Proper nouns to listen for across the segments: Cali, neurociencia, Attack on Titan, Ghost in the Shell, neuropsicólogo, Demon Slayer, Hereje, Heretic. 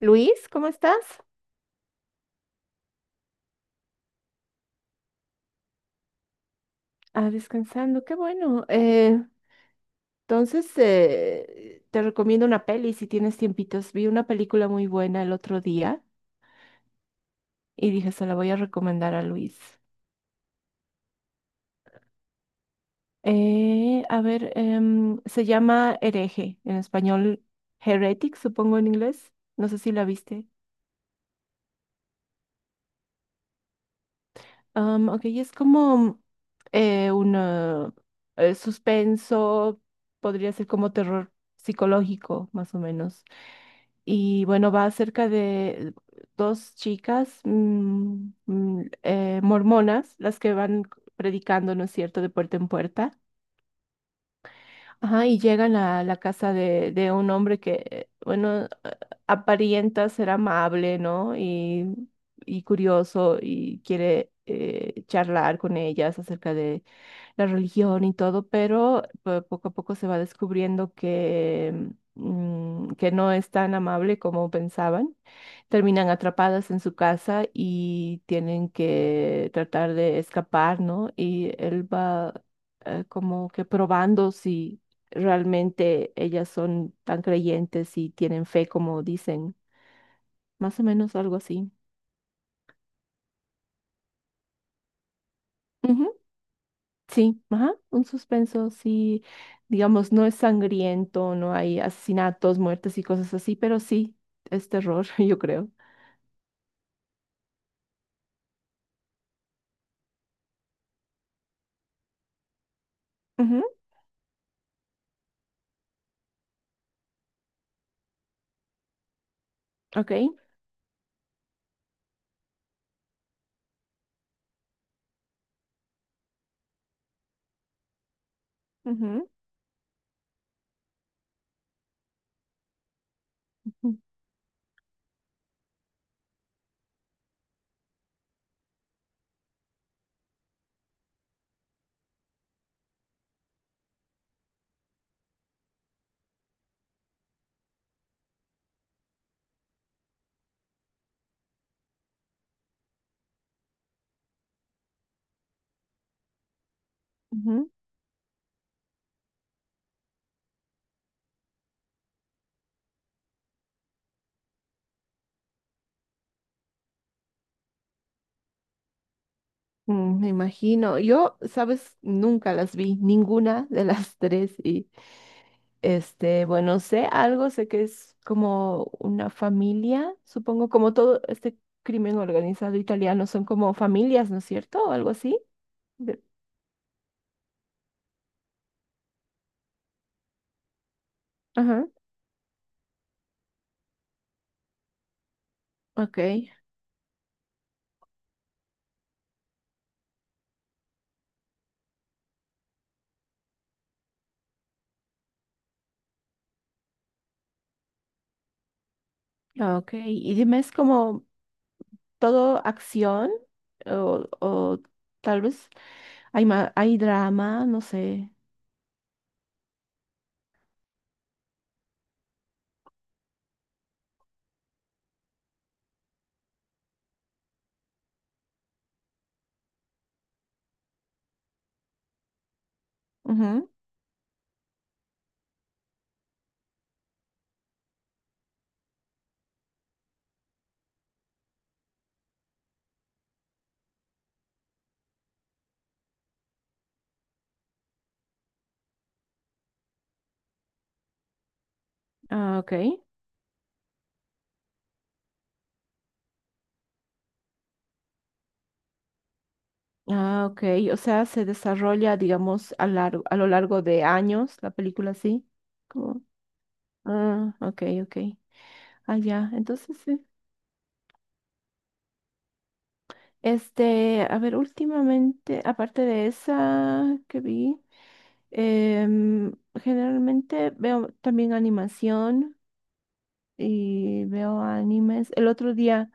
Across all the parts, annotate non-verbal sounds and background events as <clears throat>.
Luis, ¿cómo estás? Ah, descansando, qué bueno. Entonces, te recomiendo una peli si tienes tiempitos. Vi una película muy buena el otro día y dije, se la voy a recomendar a Luis. A ver, se llama Hereje, en español Heretic, supongo en inglés. No sé si la viste. Ok, es como un suspenso, podría ser como terror psicológico, más o menos. Y bueno, va acerca de dos chicas mormonas, las que van predicando, ¿no es cierto?, de puerta en puerta. Ajá, y llegan a la casa de un hombre que, bueno, aparenta ser amable, ¿no? Y curioso y quiere charlar con ellas acerca la religión y todo, pero poco a poco se va descubriendo que no es tan amable como pensaban. Terminan atrapadas en su casa y tienen que tratar de escapar, ¿no? Y él va como que probando si realmente ellas son tan creyentes y tienen fe como dicen, más o menos algo así. Sí, ajá, un suspenso, sí, digamos, no es sangriento, no hay asesinatos, muertes y cosas así, pero sí, es terror, <laughs> yo creo. Ujú, ok. Ujú, ujú, ujú. Mm, me imagino. Yo, sabes, nunca las vi, ninguna de las <laughs> tres. Y este, bueno, sé algo, sé que es como una familia, supongo, como todo este crimen organizado italiano, son como familias, ¿no es cierto? O algo así. De- Ajá, ok. Ah, ok, y dime, ¿es como todo acción o tal vez hay, hay drama, no sé? Ujú. Ah, ok. Ah, ok. O sea, se desarrolla, digamos, a, largo, a lo largo de años la película, ¿sí? Como, ah, ok, ok. Ah, ya, entonces sí. Este, a ver, últimamente, aparte de esa que vi, generalmente veo también animación, y veo animes. El otro día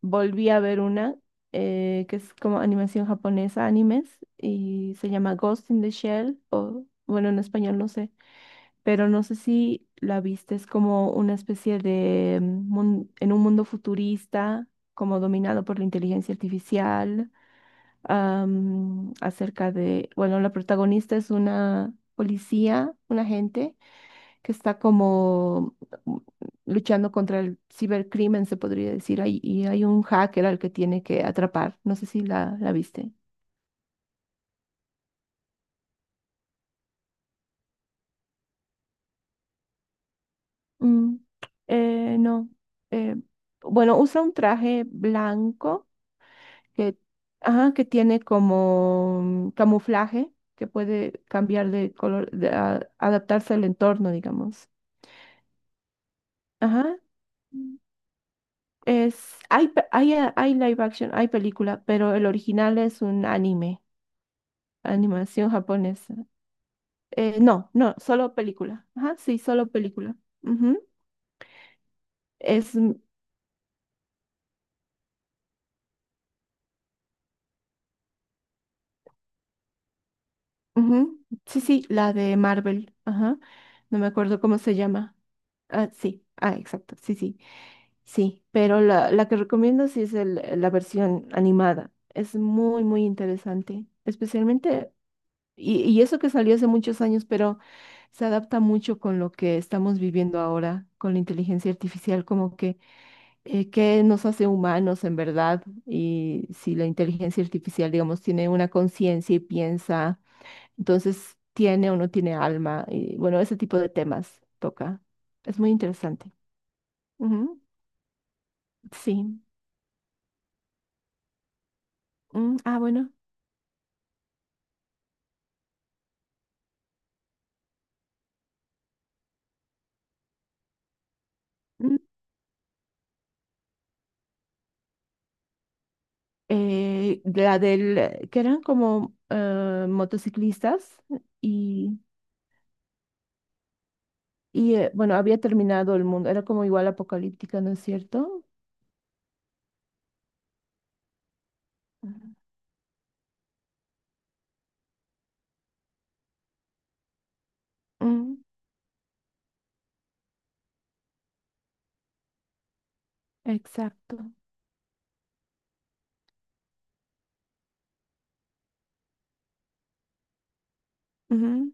volví a ver una que es como animación japonesa, animes, y se llama Ghost in the Shell, o bueno, en español no sé, pero no sé si la viste, es como una especie de en un mundo futurista, como dominado por la inteligencia artificial, acerca de, bueno, la protagonista es una policía, un agente que está como luchando contra el cibercrimen, se podría decir, ahí, y hay un hacker al que tiene que atrapar. No sé si la viste. Mm, no. eh, bueno, usa un traje blanco que, ajá, que tiene como camuflaje, que puede cambiar de color, de, adaptarse al entorno, digamos. Ajá. Mm. Es, hay, pe- hay, Hay live action, hay película, pero el original es un anime. Animación japonesa. No, no, solo película. Ajá, sí, solo película. Ujú. Es, mm, Ujú. Sí, sí, la de Marvel. Ajá. No me acuerdo cómo se llama. Ah, sí, ah, exacto, sí, sí. Sí, pero la que recomiendo sí es la versión animada. Es muy, muy interesante. Especialmente, y eso que salió hace muchos años, pero se adapta mucho con lo que estamos viviendo ahora, con la inteligencia artificial, como que qué nos hace humanos en verdad y si la inteligencia artificial, digamos, tiene una conciencia y piensa, entonces tiene o no tiene alma y bueno, ese tipo de temas toca. Es muy interesante. Ujú, sí. Mm, ah, bueno. Mm, la del, que eran como motociclistas y, y bueno, había terminado el mundo, era como igual apocalíptica, ¿no es cierto? Ujú. Mm, exacto. Ujú,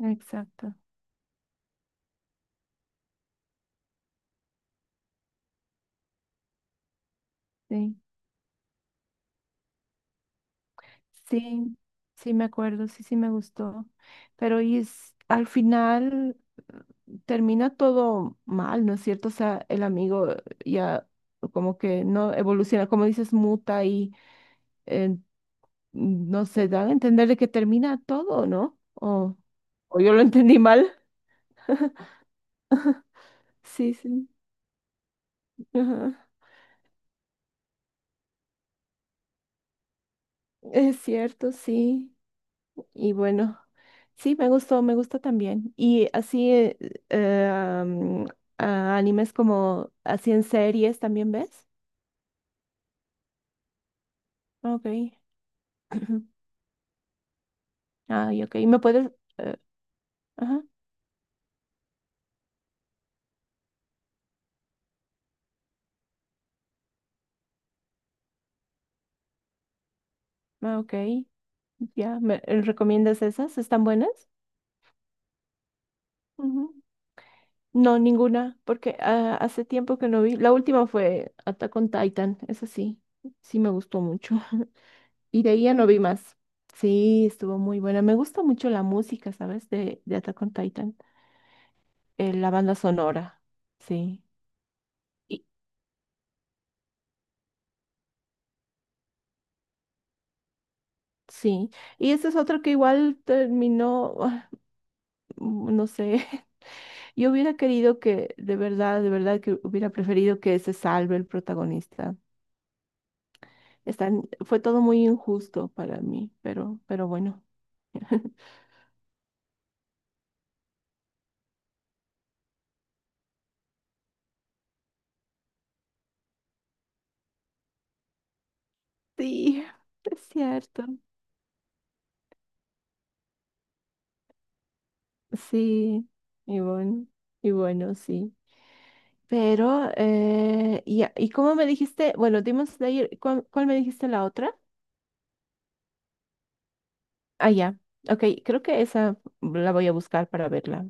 exacto. Sí, sí, sí me acuerdo, sí, sí me gustó. Pero y es, al final eh, termina todo mal, ¿no es cierto? O sea, el amigo ya como que no evoluciona, como dices, muta y eh, no se da a entender de que termina todo, ¿no? O yo lo entendí mal. <laughs> Sí, sí. Ajá. Es cierto, sí. Y bueno, sí, me gustó, me gusta también. Y así, eh, mm, animes como así en series también ves. Ok. <clears throat> Ay, ok. ¿Me puedes? eh, ajá. Ah, ok. Ya, ¿me recomiendas esas? ¿Están buenas? Ujú. No, ninguna, porque ah, hace tiempo que no vi. La última fue Attack on Titan, esa sí, sí me gustó mucho. <laughs> Y de ahí ya no vi más. Sí, estuvo muy buena. Me gusta mucho la música, ¿sabes? De Attack on Titan. La banda sonora, sí. Y- Sí, y esa es otra que igual terminó, ah, mm, no sé, <laughs> yo hubiera querido que, de verdad que hubiera preferido que se salve el protagonista. Están, fue todo muy injusto para mí, pero bueno. <laughs> Sí, es cierto. Sí, y bueno, y bueno, sí. Pero, ya, ¿y cómo me dijiste? Bueno, Demon Slayer, ¿cuál, cuál me dijiste la otra? Ah, ya. Ok, creo que esa la voy a buscar para verla.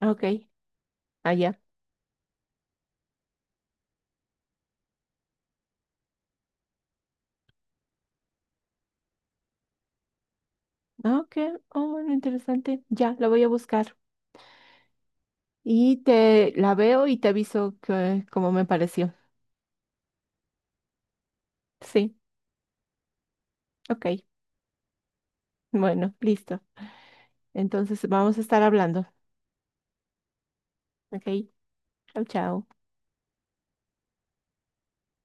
Ok, ah, ya. Ah, ok, oh, bueno, interesante. Ya, la voy a buscar. Y te la veo y te aviso que, cómo me pareció. Sí, ok. Bueno, listo. Entonces vamos a estar hablando. Ok, chao, chao.